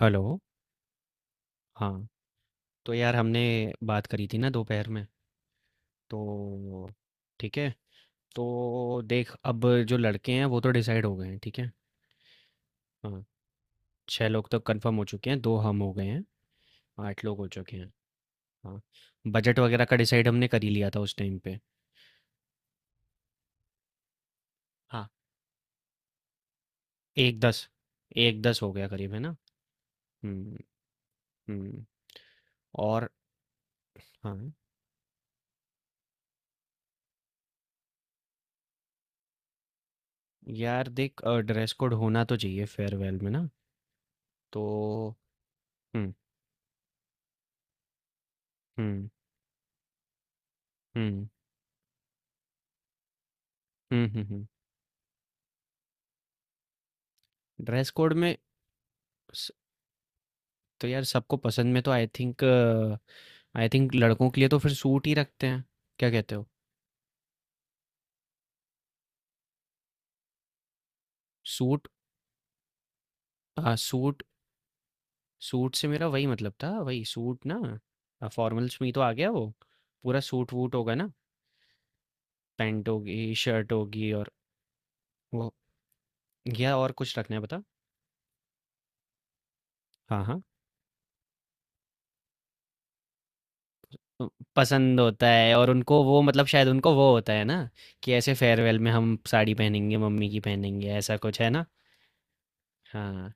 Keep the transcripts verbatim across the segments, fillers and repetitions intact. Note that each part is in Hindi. हेलो। हाँ, तो यार हमने बात करी थी ना दोपहर में, तो ठीक है। तो देख अब जो लड़के हैं वो तो डिसाइड हो गए हैं, ठीक है। हाँ, छह लोग तो कंफर्म हो चुके हैं, दो हम हो गए हैं, आठ लोग हो चुके हैं। हाँ, बजट वगैरह का डिसाइड हमने कर ही लिया था उस टाइम पे। हाँ, एक दस, एक दस हो गया करीब, है ना। हम्म। हम्म। और हाँ, यार देख ड्रेस कोड होना तो चाहिए फेयरवेल में ना। तो हम्म। हम्म। हम्म। हम्म। हम्म। हम्म। ड्रेस कोड में स- तो यार सबको पसंद में तो आई थिंक आई थिंक लड़कों के लिए तो फिर सूट ही रखते हैं, क्या कहते हो। सूट, हाँ सूट। सूट से मेरा वही मतलब था, वही सूट ना, फॉर्मल्स में ही तो आ गया वो। पूरा सूट वूट होगा ना, पैंट होगी शर्ट होगी और वो, या और कुछ रखना है बता। हाँ हाँ, तो पसंद होता है और उनको वो मतलब शायद उनको वो होता है ना कि ऐसे फेयरवेल में हम साड़ी पहनेंगे मम्मी की पहनेंगे ऐसा कुछ है ना। हाँ,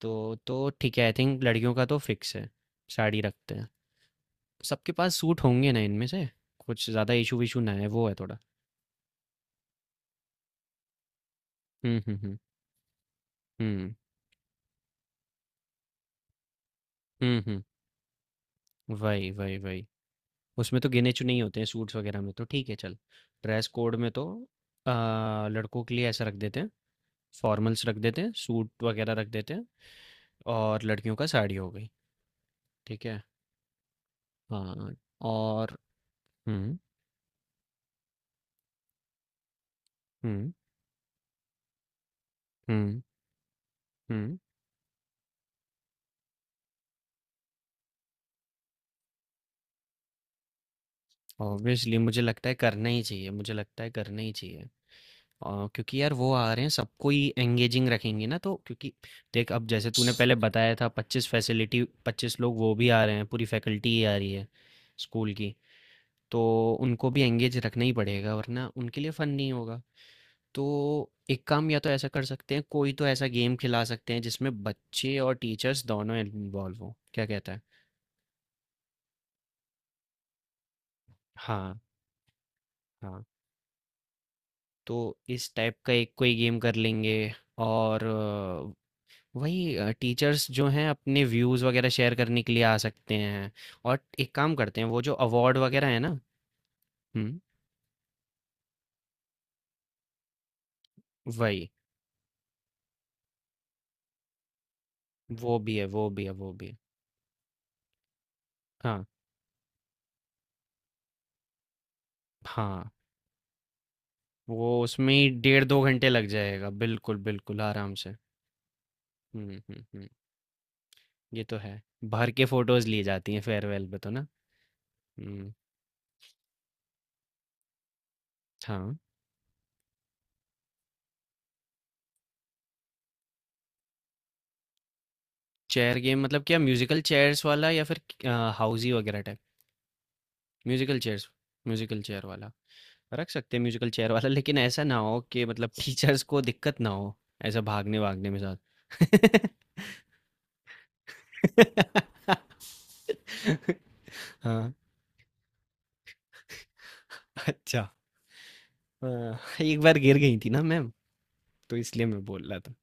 तो तो ठीक है आई थिंक लड़कियों का तो फिक्स है। साड़ी रखते हैं। सबके पास सूट होंगे ना इनमें से, कुछ ज़्यादा इशू विशू ना है वो है थोड़ा। हम्म। हम्म। हम्म। हम्म। हम्म। हम्म। वही वही वही, उसमें तो गिने चुने ही होते हैं सूट्स वगैरह में तो ठीक है चल। ड्रेस कोड में तो आ, लड़कों के लिए ऐसा रख देते हैं, फॉर्मल्स रख देते हैं, सूट वगैरह रख देते हैं। और लड़कियों का साड़ी हो गई। ठीक है। हाँ और हम्म। हम्म। हम्म। हम्म। ऑब्वियसली मुझे लगता है करना ही चाहिए, मुझे लगता है करना ही चाहिए। आ, क्योंकि यार वो आ रहे हैं, सबको ही एंगेजिंग रखेंगे ना तो, क्योंकि देख अब जैसे तूने पहले बताया था पच्चीस फैसिलिटी पच्चीस लोग, वो भी आ रहे हैं पूरी फैकल्टी ही आ रही है स्कूल की। तो उनको भी एंगेज रखना ही पड़ेगा वरना उनके लिए फन नहीं होगा। तो एक काम या तो ऐसा कर सकते हैं, कोई तो ऐसा गेम खिला सकते हैं जिसमें बच्चे और टीचर्स दोनों इन्वॉल्व हों, क्या कहता है। हाँ हाँ, तो इस टाइप का एक कोई गेम कर लेंगे। और वही अ, टीचर्स जो हैं अपने व्यूज़ वगैरह शेयर करने के लिए आ सकते हैं। और एक काम करते हैं, वो जो अवार्ड वगैरह है ना। हम्म। वही, वो भी है वो भी है वो भी है। हाँ हाँ, वो उसमें ही डेढ़ दो घंटे लग जाएगा बिल्कुल बिल्कुल आराम से। हम्म। हम्म। हम्म। ये तो है, भर के फोटोज ली जाती हैं फेयरवेल पे तो ना। हम्म। हाँ, चेयर गेम मतलब क्या, म्यूजिकल चेयर्स वाला या फिर हाउजी वगैरह। म्यूज़िकल चेयर्स, म्यूज़िकल चेयर वाला। रख सकते हैं म्यूज़िकल चेयर वाला, लेकिन ऐसा ना हो कि मतलब टीचर्स को दिक्कत ना हो, ऐसा भागने-वागने में साथ। हाँ, अच्छा। हाँ, एक बार गिर गई थी ना मैम, तो इसलिए मैं बोल रहा था।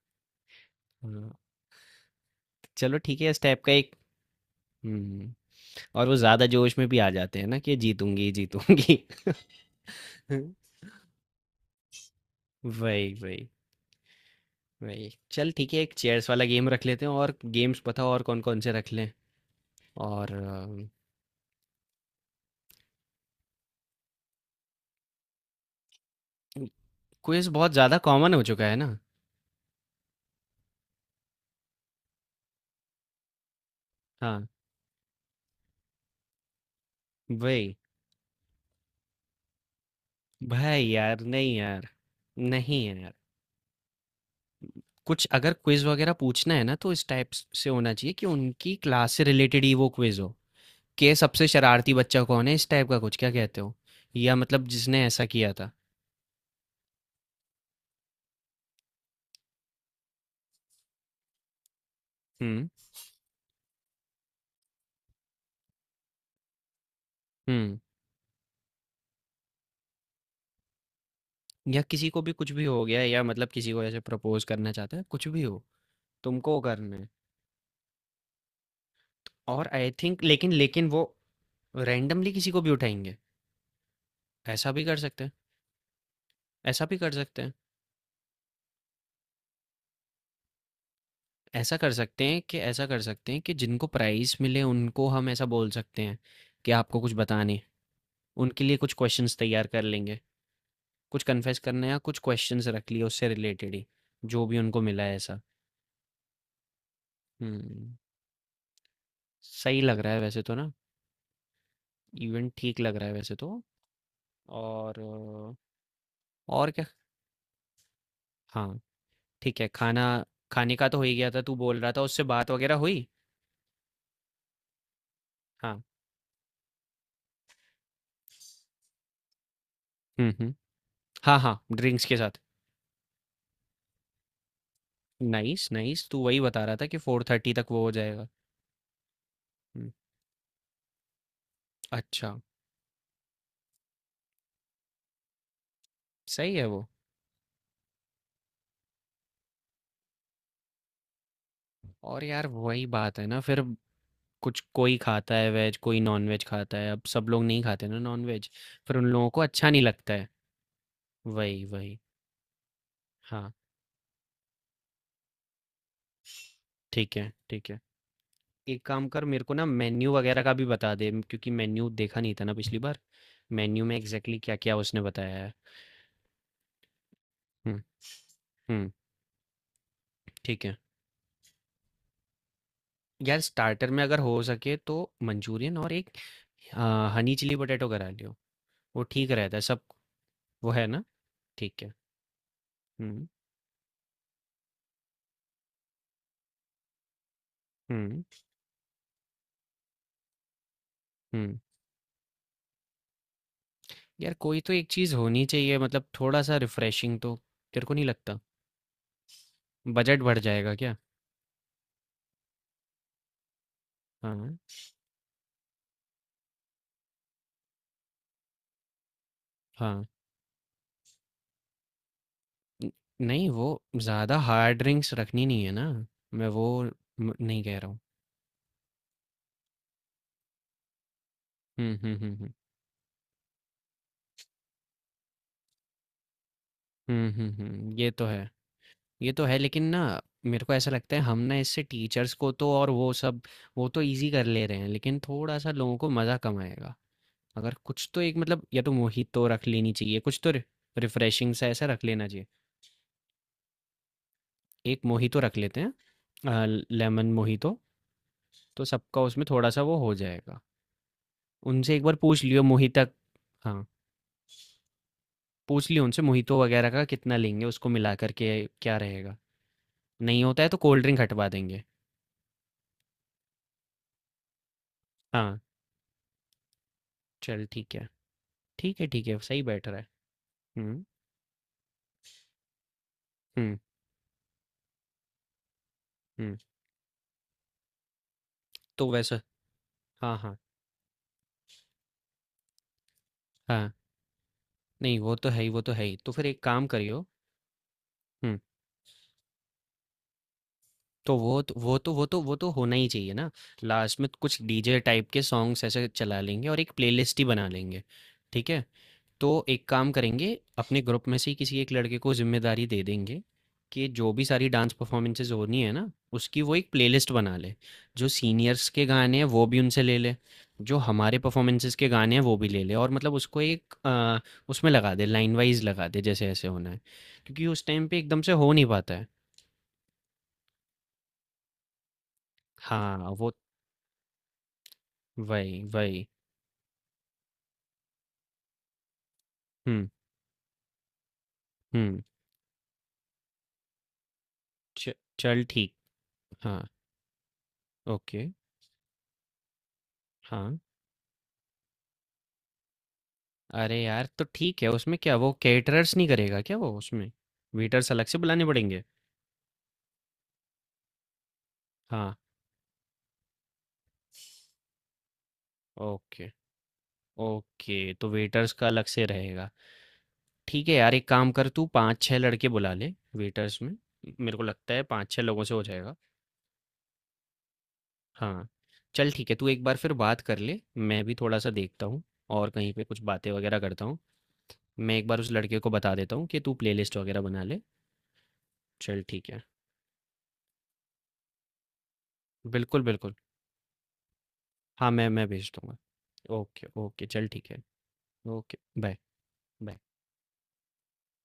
हाँ, चलो ठीक है इस टाइप का एक। हुँ, और वो ज़्यादा जोश में भी आ जाते हैं ना कि जीतूँगी, जीतूँगी। वही, वही, वही। चल ठीक है एक चेयर्स वाला गेम रख लेते हैं, और गेम्स पता और कौन-कौन से रख लें? और क्विज बहुत ज़्यादा कॉमन हो चुका है ना। हाँ, वही, भाई यार नहीं यार, नहीं यार कुछ अगर क्विज वगैरह पूछना है ना तो इस टाइप से होना चाहिए कि उनकी क्लास से रिलेटेड ही वो क्विज हो, के सबसे शरारती बच्चा कौन है इस टाइप का कुछ, क्या कहते हो। या मतलब जिसने ऐसा किया था। हम्म। हम्म। या किसी को भी कुछ भी हो गया, या मतलब किसी को ऐसे प्रपोज करना चाहता है, कुछ भी हो, तुमको करना है। और आई थिंक लेकिन लेकिन वो रैंडमली किसी को भी उठाएंगे, ऐसा भी कर सकते हैं, ऐसा भी कर सकते हैं। ऐसा कर सकते हैं कि ऐसा कर सकते हैं कि जिनको प्राइज़ मिले उनको हम ऐसा बोल सकते हैं कि आपको कुछ बताना है। उनके लिए कुछ क्वेश्चंस तैयार कर लेंगे। कुछ कन्फेस करना है, या कुछ क्वेश्चंस रख लिए उससे रिलेटेड ही, जो भी उनको मिला है ऐसा। हुँ, सही लग रहा है वैसे तो ना। इवेंट ठीक लग रहा है वैसे तो। और अ, और क्या। हाँ, ठीक है, खाना खाने का तो हो ही गया था, तू बोल रहा था उससे बात वग़ैरह हुई? हाँ। हुँ, हुँ। हाँ, हाँ, ड्रिंक्स के साथ। नाइस नाइस, तू वही बता रहा था कि फोर थर्टी तक वो हो जाएगा। हम्म, अच्छा। सही है वो। और यार वही बात है ना फिर, कुछ कोई खाता है वेज कोई नॉन वेज खाता है, अब सब लोग नहीं खाते ना नॉन वेज, फिर उन लोगों को अच्छा नहीं लगता है। वही वही। हाँ। ठीक है ठीक है, एक काम कर मेरे को ना मेन्यू वगैरह का भी बता दे, म- क्योंकि मेन्यू देखा नहीं था ना पिछली बार। मेन्यू में एग्जैक्टली क्या क्या उसने बताया है। हम्म। हम्म। ठीक है, यार स्टार्टर में अगर हो सके तो मंचूरियन, और एक आ, हनी चिली पोटैटो करा लियो, वो ठीक रहता है सब। वो है ना? ठीक है। हुँ, हुँ, हुँ। यार कोई तो एक चीज़ होनी चाहिए मतलब थोड़ा-सा रिफ्रेशिंग तो, तेरे को नहीं लगता? बजट बढ़ जाएगा क्या? हाँ, हाँ। न नहीं वो ज़्यादा हार्ड ड्रिंक्स रखनी नहीं है ना, मैं वो म नहीं कह रहा हूँ। हुँ, हुँ, हुँ, हुँ। हुँ, हुँ, हुँ, ये तो है। ये तो है लेकिन ना, मेरे को ऐसा लगता है हम ना इससे टीचर्स को तो और वो सब, वो तो ईज़ी कर ले रहे हैं, लेकिन थोड़ा-सा लोगों को मज़ा कम आएगा। अगर कुछ तो एक मतलब या तो मोहितो रख लेनी चाहिए, कुछ तो रि रिफ्रेशिंग सा ऐसा रख लेना चाहिए। एक मोहितो रख लेते हैं, अ, लेमन मोहितो, तो सबका उसमें थोड़ा-सा वो हो जाएगा। उनसे एक बार पूछ लियो मोहिता। हाँ, पूछ लियो उनसे मोहितो वगैरह का कितना लेंगे, उसको मिला कर के क्या रहेगा। नहीं होता है तो कोल्ड ड्रिंक हटवा देंगे। हाँ, चल ठीक है। ठीक है, ठीक है, सही बैठ रहा है। हुँ, हुँ, हुँ, तो वैसा। हाँ, हाँ, हाँ, नहीं वो तो है ही, वो तो है ही। तो फिर एक काम करियो। हुँ। तो वो तो वो तो वो तो वो तो होना ही चाहिए ना, लास्ट में कुछ डीजे टाइप के सॉन्ग्स ऐसे चला लेंगे और एक प्लेलिस्ट ही बना लेंगे। ठीक है, तो एक काम करेंगे अपने ग्रुप में से ही किसी एक लड़के को जिम्मेदारी दे देंगे कि जो भी सारी डांस परफॉर्मेंसेज होनी है ना, उसकी वो एक प्लेलिस्ट बना ले, जो सीनियर्स के गाने हैं वो भी उनसे ले ले, जो हमारे परफॉर्मेंसेज के गाने हैं वो भी ले ले, और मतलब उसको एक अ, उसमें लगा दे, लाइन वाइज लगा दे, जैसे ऐसे होना है, क्योंकि उस टाइम पे एकदम से हो नहीं पाता है। हाँ वो वही, वही। हुँ, हुँ। च चल ठीक। हाँ, ओके, हाँ। अरे यार! तो ठीक है उसमें क्या वो कैटरर्स नहीं करेगा क्या वो उसमें? वेटर्स अलग से बुलाने पड़ेंगे? हाँ, ओके, ओके तो वेटर्स का अलग से रहेगा। ठीक है यार एक काम कर तू पाँच छह लड़के बुला ले वेटर्स में। मेरे को लगता है पाँच छह लोगों से हो जाएगा। हाँ, चल ठीक है, तू एक बार फिर बात कर ले। मैं भी थोड़ा-सा देखता हूँ और कहीं पे कुछ बातें वगैरह करता हूँ। मैं एक बार उस लड़के को बता देता हूँ कि तू प्लेलिस्ट वगैरह बना ले। चल ठीक है। बिल्कुल, बिल्कुल। हाँ, मैं मैं भेज दूँगा। Okay, okay. चल ठीक है। Okay, bye. बाय।